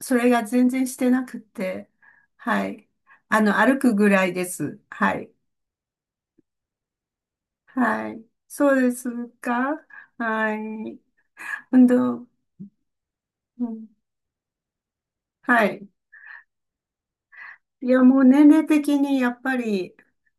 それが全然してなくて、はい。歩くぐらいです。はい。はい。そうですか？はい。運動、うん、はい。いや、もう年齢的にやっぱり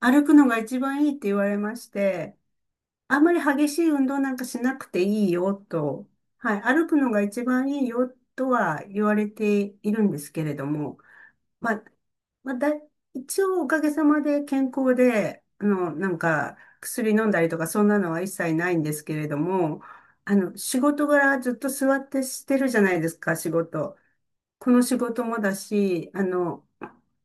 歩くのが一番いいって言われまして、あんまり激しい運動なんかしなくていいよと、はい。歩くのが一番いいよとは言われているんですけれども、まあ、まあ、だ、一応おかげさまで健康で、なんか薬飲んだりとかそんなのは一切ないんですけれども、仕事柄ずっと座ってしてるじゃないですか、仕事。この仕事もだし、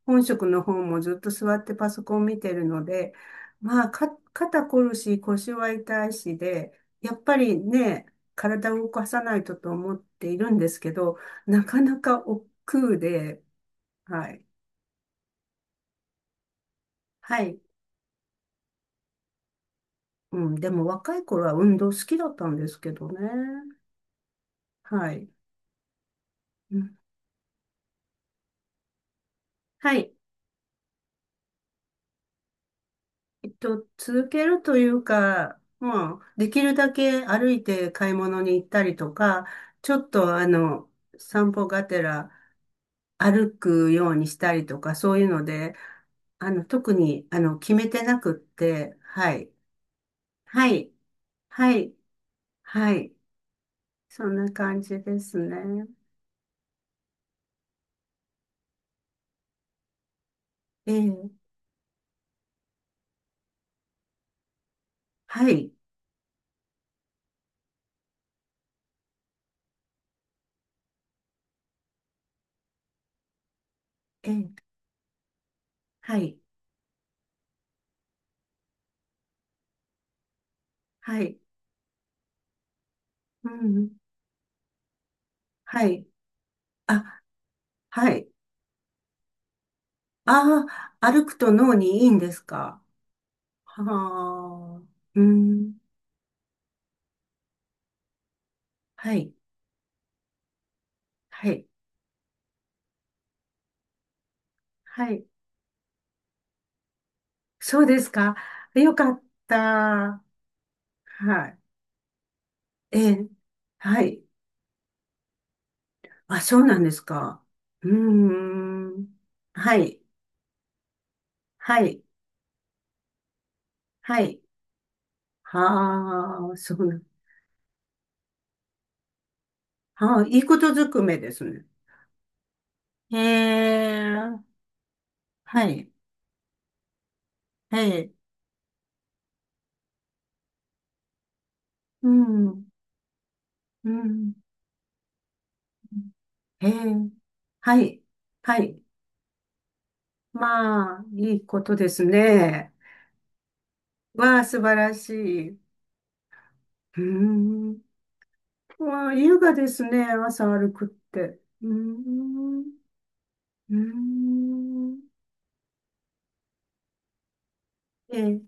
本職の方もずっと座ってパソコン見てるので、まあ、肩こるし、腰は痛いしで、やっぱりね、体を動かさないとと思っているんですけど、なかなか億劫で、はい。はい。うん、でも若い頃は運動好きだったんですけどね。はい。うん。はい。続けるというか、まあ、できるだけ歩いて買い物に行ったりとか、ちょっと散歩がてら歩くようにしたりとか、そういうので、特に、決めてなくって、はい。はい。はい。はい。そんな感じですね。ええ。はい。ええ。はい。はい。うん。はい。あ、はい。ああ、歩くと脳にいいんですか？はあ。うん。はい。はい。はい。そうですか。よかった。はい。ええ。はい。あ、そうなんですか。うーん。はい。はい。はい。はあ、そうなん。はあ、いいことずくめですね。ええ。はい。ええ。うん。うん。ええ、はい、はい。まあ、いいことですね。わあ、素晴らしい。うーん。まあ、優雅ですね、朝歩くって。うーん。うーん。ええ、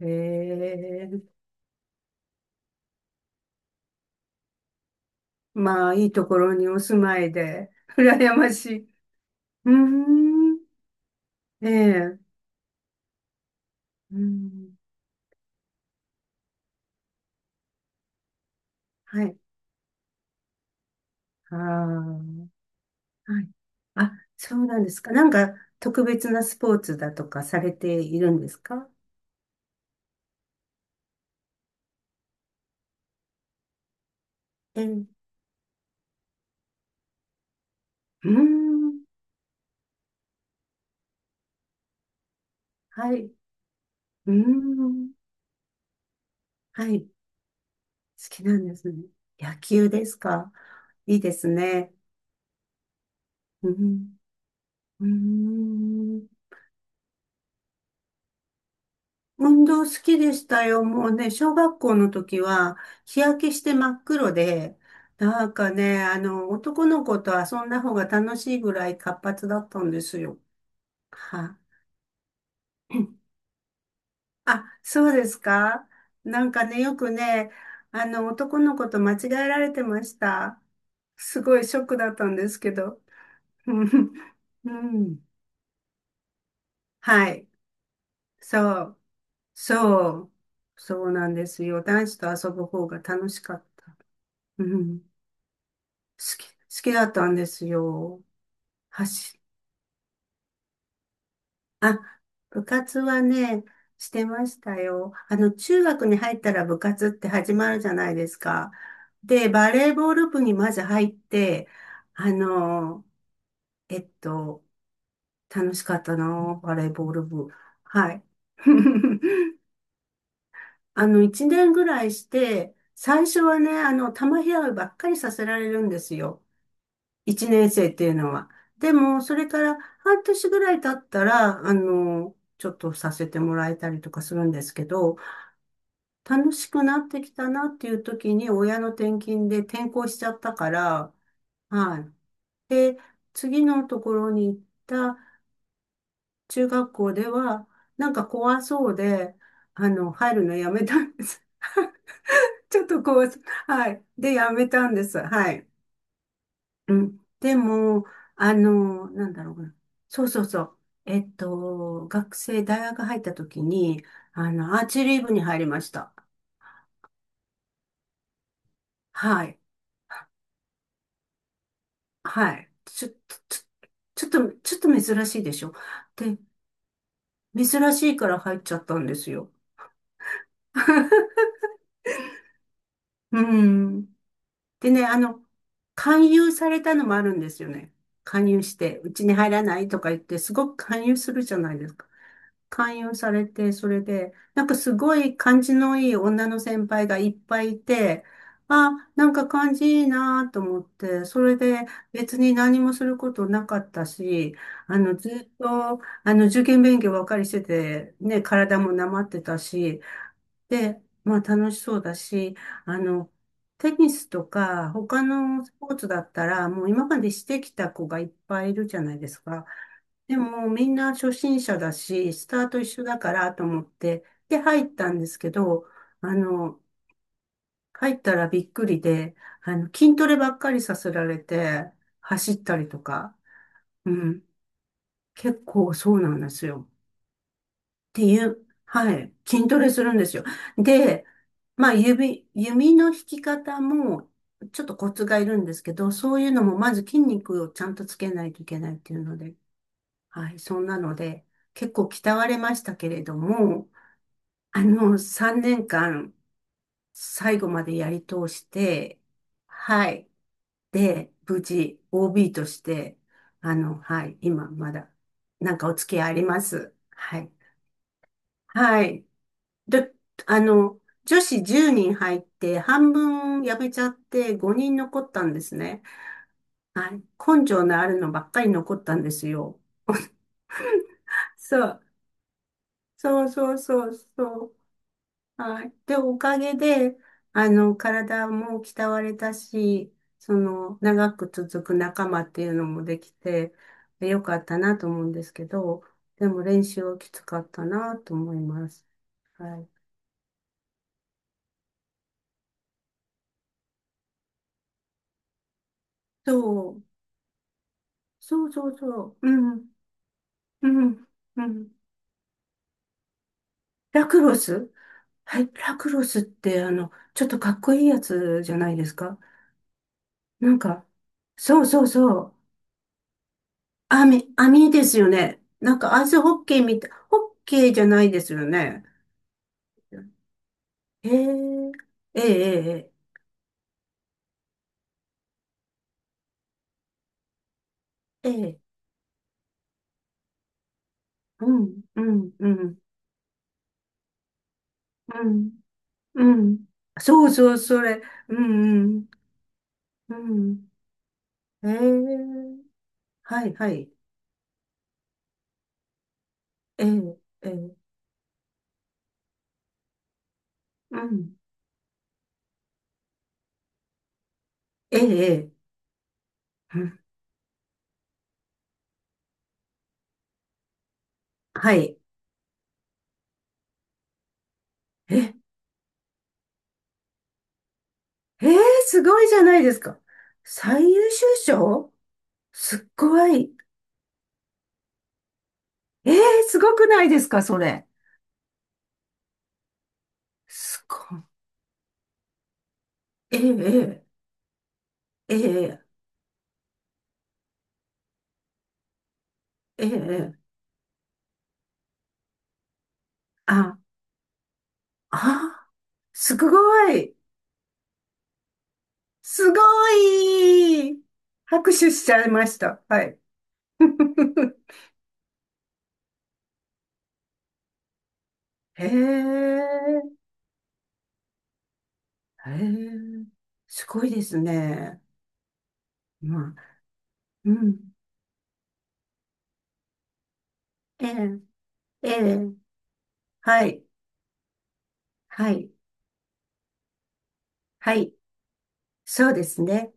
ええ、まあ、いいところにお住まいで、羨ましい。うーん。ええ、うーん。はい。ああ、はい。あ、そうなんですか。なんか、特別なスポーツだとかされているんですか？ええ、うーん。はい、うーん。はい。好きなんですね。野球ですか？いいですね。うん、うーん。運動好きでしたよ。もうね、小学校の時は日焼けして真っ黒で、なんかね、男の子と遊んだ方が楽しいぐらい活発だったんですよ。はい。あ、そうですか？なんかね、よくね、男の子と間違えられてました。すごいショックだったんですけど。うん。うん。はい。そう。そう。そうなんですよ。男子と遊ぶ方が楽しかった。うん。好きだったんですよ。走あ、部活はね、してましたよ。中学に入ったら部活って始まるじゃないですか。で、バレーボール部にまず入って、あの、えっと、楽しかったな、バレーボール部。はい。一年ぐらいして、最初はね、球拾いばっかりさせられるんですよ。一年生っていうのは。でも、それから半年ぐらい経ったら、ちょっとさせてもらえたりとかするんですけど、楽しくなってきたなっていう時に親の転勤で転校しちゃったから、はい。で、次のところに行った中学校では、なんか怖そうで、入るのやめたんです。ちょっと怖そう。はい。で、やめたんです。はい。うん。でも、なんだろうな。そうそうそう。大学入った時に、アーチェリー部に入りました。はい。はい。ちょっと珍しいでしょ。で、珍しいから入っちゃったんですよ。うん。でね、勧誘されたのもあるんですよね。勧誘して、うちに入らないとか言って、すごく勧誘するじゃないですか。勧誘されて、それで、なんかすごい感じのいい女の先輩がいっぱいいて、あ、なんか感じいいなと思って、それで別に何もすることなかったし、ずっと受験勉強ばっかりしてて、ね、体もなまってたし、で、まあ楽しそうだし、あの、テニスとか他のスポーツだったら、もう今までしてきた子がいっぱいいるじゃないですか。でもみんな初心者だし、スタート一緒だからと思って、で入ったんですけど、あの、入ったらびっくりで、筋トレばっかりさせられて、走ったりとか、うん、結構そうなんですよ。っていう、はい、筋トレするんですよ。で、まあ、弓の引き方も、ちょっとコツがいるんですけど、そういうのも、まず筋肉をちゃんとつけないといけないっていうので、はい、そんなので、結構鍛われましたけれども、3年間、最後までやり通して、はい、で、無事、OB として、はい、今、まだ、なんかお付き合いあります。はい。はい。で、女子10人入って、半分やめちゃって5人残ったんですね。はい。根性のあるのばっかり残ったんですよ。そう。そうそうそうそう。はい。で、おかげで、体も鍛われたし、その、長く続く仲間っていうのもできて、でよかったなと思うんですけど、でも練習はきつかったなと思います。はい。そう。そうそうそう。うん。うん、うん。ラクロス。はい、ラクロスって、ちょっとかっこいいやつじゃないですか。なんか、そうそうそう。網、網ですよね。なんかアイスホッケーみたい、ホッケーじゃないですよね。へえ、ええ、ええ、ええ、うん、うん、うん、うん、うん。そうそう、それ、うん、うん、うん。ええ、はい、はい、ええ、ええ、うん、ええ、ええ。うん。はい。えええ、すごいじゃないですか。最優秀賞、すっごい。ええ、すごくないですか、それ。すごい。えええええーえーえー、あ、あ、すごい。すごい。拍手しちゃいました。はい。へえ、へえ、すごいですね。まあ、うん。ええ、ええ、はい、はい、はい、そうですね。